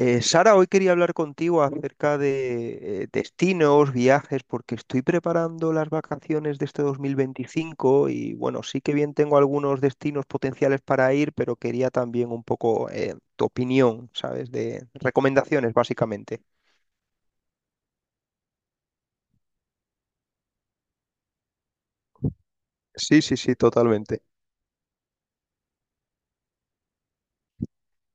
Sara, hoy quería hablar contigo acerca de destinos, viajes, porque estoy preparando las vacaciones de este 2025 y bueno, sí que bien tengo algunos destinos potenciales para ir, pero quería también un poco tu opinión, ¿sabes? De recomendaciones, básicamente. Sí, sí, sí, totalmente.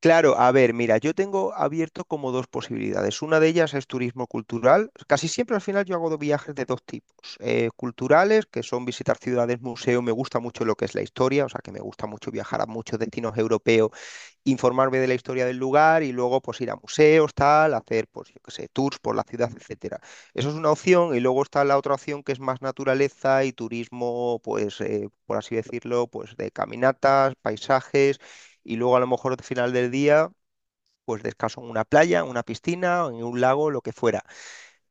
Claro, a ver, mira, yo tengo abierto como dos posibilidades. Una de ellas es turismo cultural. Casi siempre al final yo hago dos viajes de dos tipos. Culturales, que son visitar ciudades, museos, me gusta mucho lo que es la historia, o sea que me gusta mucho viajar a muchos destinos europeos, informarme de la historia del lugar y luego pues ir a museos, tal, hacer pues yo qué sé, tours por la ciudad, etcétera. Eso es una opción y luego está la otra opción que es más naturaleza y turismo, pues por así decirlo, pues de caminatas, paisajes y luego a lo mejor al final del día pues descanso en una playa, en una piscina, en un lago, lo que fuera.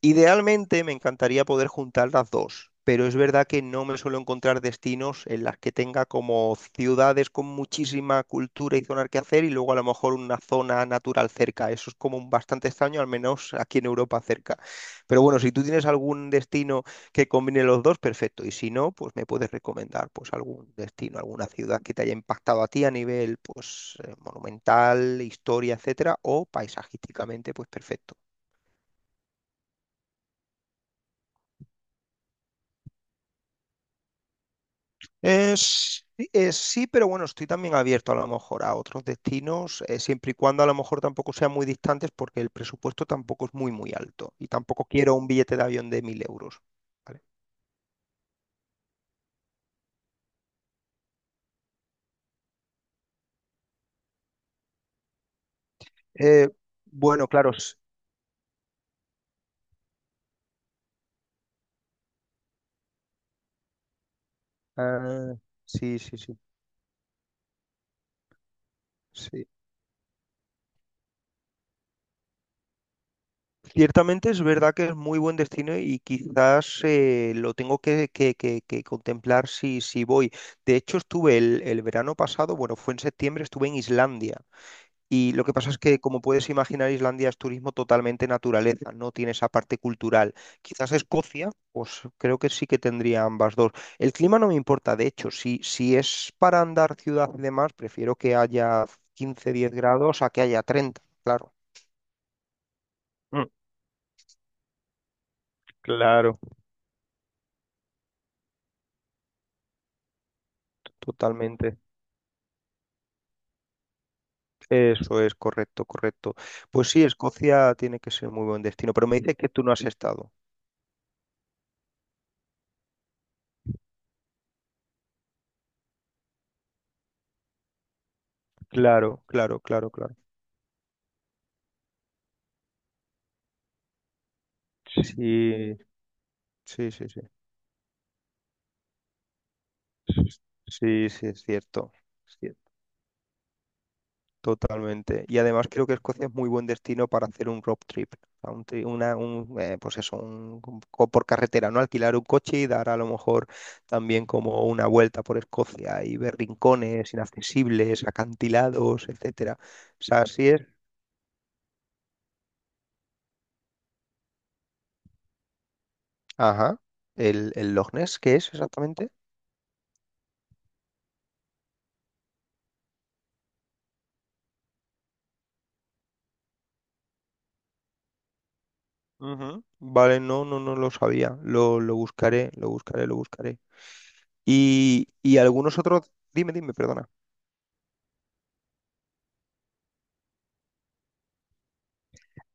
Idealmente me encantaría poder juntar las dos, pero es verdad que no me suelo encontrar destinos en las que tenga como ciudades con muchísima cultura y zonas que hacer y luego a lo mejor una zona natural cerca. Eso es como un bastante extraño, al menos aquí en Europa cerca. Pero bueno, si tú tienes algún destino que combine los dos, perfecto. Y si no, pues me puedes recomendar pues algún destino, alguna ciudad que te haya impactado a ti a nivel pues monumental, historia, etcétera, o paisajísticamente, pues perfecto. Sí, sí, pero bueno, estoy también abierto a lo mejor a otros destinos, siempre y cuando a lo mejor tampoco sean muy distantes, porque el presupuesto tampoco es muy, muy alto y tampoco quiero un billete de avión de 1000 euros. ¿Vale? Eh, bueno, claro, ah, sí, sí, sí, sí. Ciertamente es verdad que es muy buen destino y quizás lo tengo que contemplar si voy. De hecho, estuve el verano pasado, bueno, fue en septiembre, estuve en Islandia. Y lo que pasa es que, como puedes imaginar, Islandia es turismo totalmente naturaleza, no tiene esa parte cultural. Quizás Escocia, pues creo que sí que tendría ambas dos. El clima no me importa, de hecho, si es para andar ciudad y demás, prefiero que haya 15 10 grados a que haya 30. Claro. Mm, claro, totalmente. Eso es correcto, correcto. Pues sí, Escocia tiene que ser muy buen destino, pero me dices que tú no has estado. Claro, claro, claro, claro. Sí, sí, sí, sí. Sí, sí, es cierto. Es cierto, totalmente. Y además creo que Escocia es muy buen destino para hacer un road trip. O sea, un, tri- una, un, pues eso, por carretera, ¿no? Alquilar un coche y dar a lo mejor también como una vuelta por Escocia y ver rincones inaccesibles, acantilados, etcétera. O sea, así es. Ajá. El Loch Ness qué es exactamente? Ujú. Vale, no, no, no lo sabía. Lo buscaré, lo buscaré, lo buscaré. Y algunos otros... Dime, dime, perdona.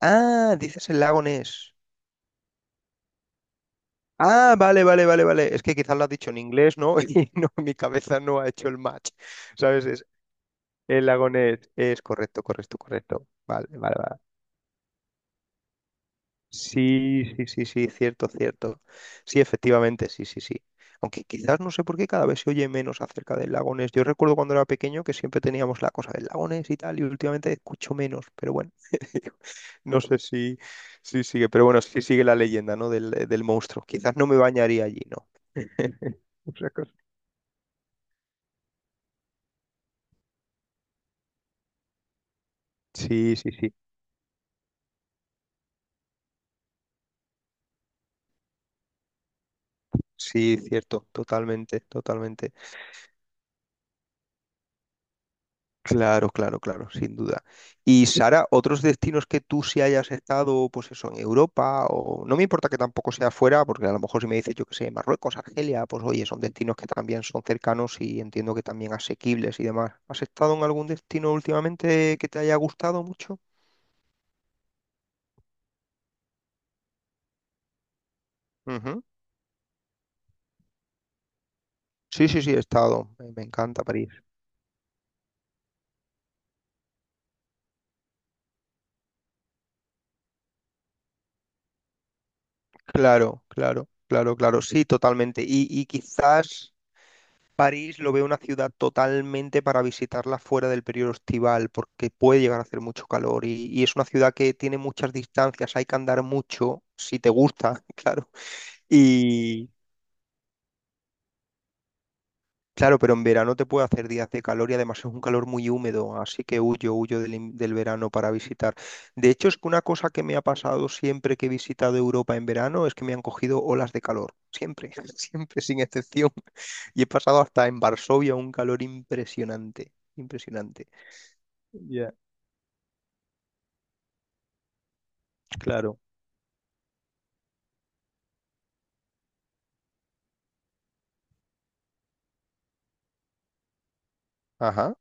Ah, dices el lago Ness. Ah, vale, vale, vale, vale. Es que quizás lo has dicho en inglés, ¿no? Y no, mi cabeza no ha hecho el match. ¿Sabes? Es el lago Ness. Es correcto, correcto, correcto. Vale, vale, vale. Sí, sí, sí, sí, cierto, cierto. Sí, efectivamente, sí, sí, sí. Aunque quizás no sé por qué cada vez se oye menos acerca del lagones. Yo recuerdo cuando era pequeño que siempre teníamos la cosa del lagones y tal, y últimamente escucho menos, pero bueno, no sé si, si sigue, pero bueno, sí sigue la leyenda, ¿no? Del, del monstruo. Quizás no me bañaría allí, ¿no? O sea que- sí, sí, sí, sí, cierto, totalmente, totalmente. Claro, claro, claro, sin duda. Y Sara, otros destinos que tú sí hayas estado, pues eso, en Europa, o no me importa que tampoco sea fuera, porque a lo mejor si me dices, yo que sé, Marruecos, Argelia, pues oye, son destinos que también son cercanos y entiendo que también asequibles y demás. ¿Has estado en algún destino últimamente que te haya gustado mucho? Ujú. Sí, sí, sí, he estado. Me encanta París. Claro, claro, claro, claro, sí, totalmente. Y quizás París lo veo una ciudad totalmente para visitarla fuera del periodo estival, porque puede llegar a hacer mucho calor y es una ciudad que tiene muchas distancias, hay que andar mucho, si te gusta, claro. Y claro, pero en verano te puede hacer días de calor y además es un calor muy húmedo, así que huyo, huyo del verano para visitar. De hecho, es que una cosa que me ha pasado siempre que he visitado Europa en verano es que me han cogido olas de calor, siempre, siempre, sin excepción. Y he pasado hasta en Varsovia un calor impresionante, impresionante. Ya, claro. Ajá.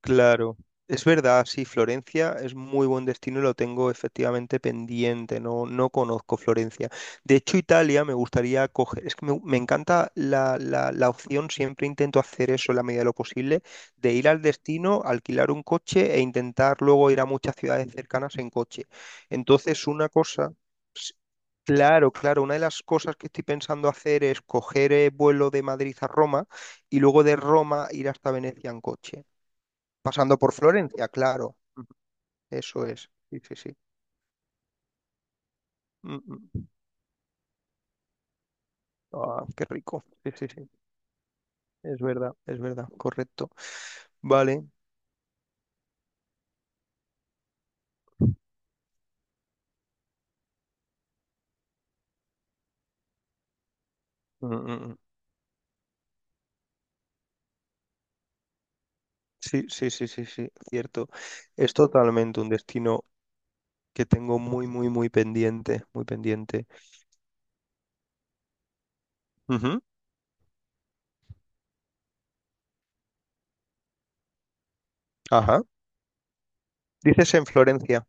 Claro. Es verdad, sí, Florencia es muy buen destino y lo tengo efectivamente pendiente, no, no conozco Florencia. De hecho, Italia me gustaría coger, es que me encanta la opción, siempre intento hacer eso en la medida de lo posible, de ir al destino, alquilar un coche e intentar luego ir a muchas ciudades cercanas en coche. Entonces, una cosa... Claro, claro. Una de las cosas que estoy pensando hacer es coger vuelo de Madrid a Roma y luego de Roma ir hasta Venecia en coche, pasando por Florencia, claro. Ujú. Eso es. Sí, sí, sí. Mm, mm. Ah, qué rico. Sí, sí, sí. Es verdad, es verdad. Correcto. Vale. Mm, mm, mm. Sí, sí, sí, sí, sí. Cierto. Es totalmente un destino que tengo muy, muy, muy pendiente, muy pendiente. Ujú. Ajá. Dices en Florencia.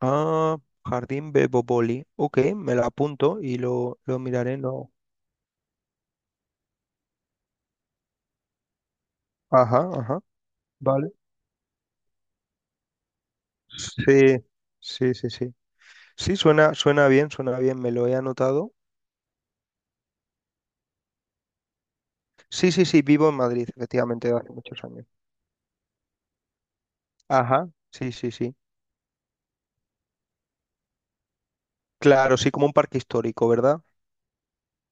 Ah, Jardín Bebopoli. Ok, me la apunto y lo miraré. No. Ajá, ajá. Vale. Sí, sí, sí, sí. Sí, suena, suena bien, me lo he anotado. Sí, sí, sí, vivo en Madrid, efectivamente, desde hace muchos años. Ajá, sí, sí, sí. Claro, sí, como un parque histórico, ¿verdad?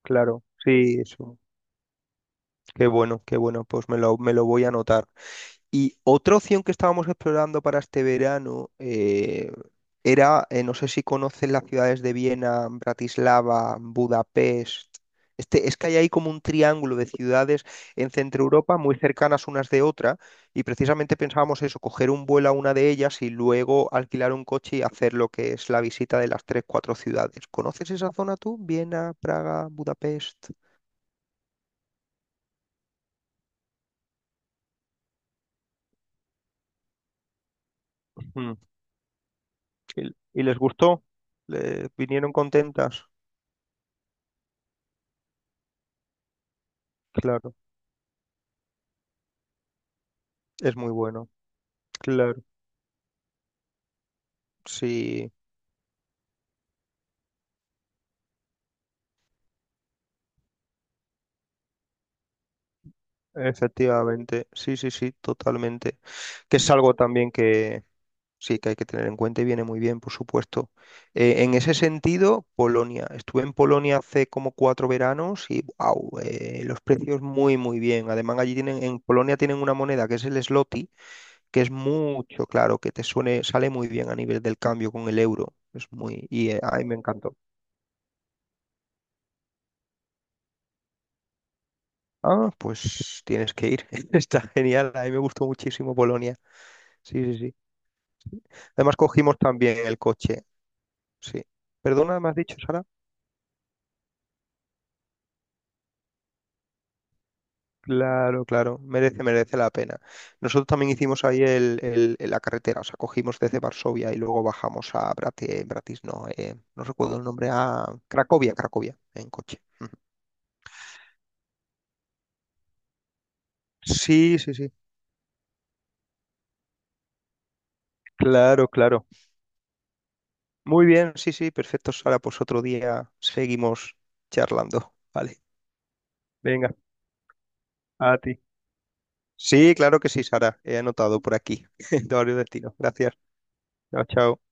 Claro, sí, eso. Qué bueno, pues me lo voy a anotar. Y otra opción que estábamos explorando para este verano era, no sé si conocen las ciudades de Viena, Bratislava, Budapest. Este, es que hay ahí como un triángulo de ciudades en Centro Europa muy cercanas unas de otra y precisamente pensábamos eso, coger un vuelo a una de ellas y luego alquilar un coche y hacer lo que es la visita de las tres, cuatro ciudades. ¿Conoces esa zona tú? Viena, Praga, Budapest. Ujú. ¿Y les gustó? Vinieron contentas? Claro. Es muy bueno, claro, sí, efectivamente, sí, sí, sí, totalmente. Que es algo también que sí que hay que tener en cuenta y viene muy bien, por supuesto. En ese sentido, Polonia. Estuve en Polonia hace como 4 veranos y wow, los precios muy, muy bien. Además, allí tienen, en Polonia tienen una moneda que es el zloty, que es mucho, claro, que te suene, sale muy bien a nivel del cambio con el euro. Es muy, ay, me encantó. Ah, pues tienes que ir. Está genial. A mí me gustó muchísimo Polonia. Sí, sí, sí. Además cogimos también el coche. Sí. Perdona, ¿me has dicho, Sara? Claro, claro. Merece, merece la pena. Nosotros también hicimos ahí la carretera. O sea, cogimos desde Varsovia y luego bajamos a Brati, Bratis, no, no recuerdo el nombre, a Cracovia, Cracovia, en coche. Ujú. Sí, sí, sí. Claro, claro. Muy bien, sí, sí. Perfecto, Sara. Pues otro día seguimos charlando. Vale. Venga, a ti. Sí, claro que sí, Sara. He anotado por aquí de varios destinos. Gracias. Chao, chao.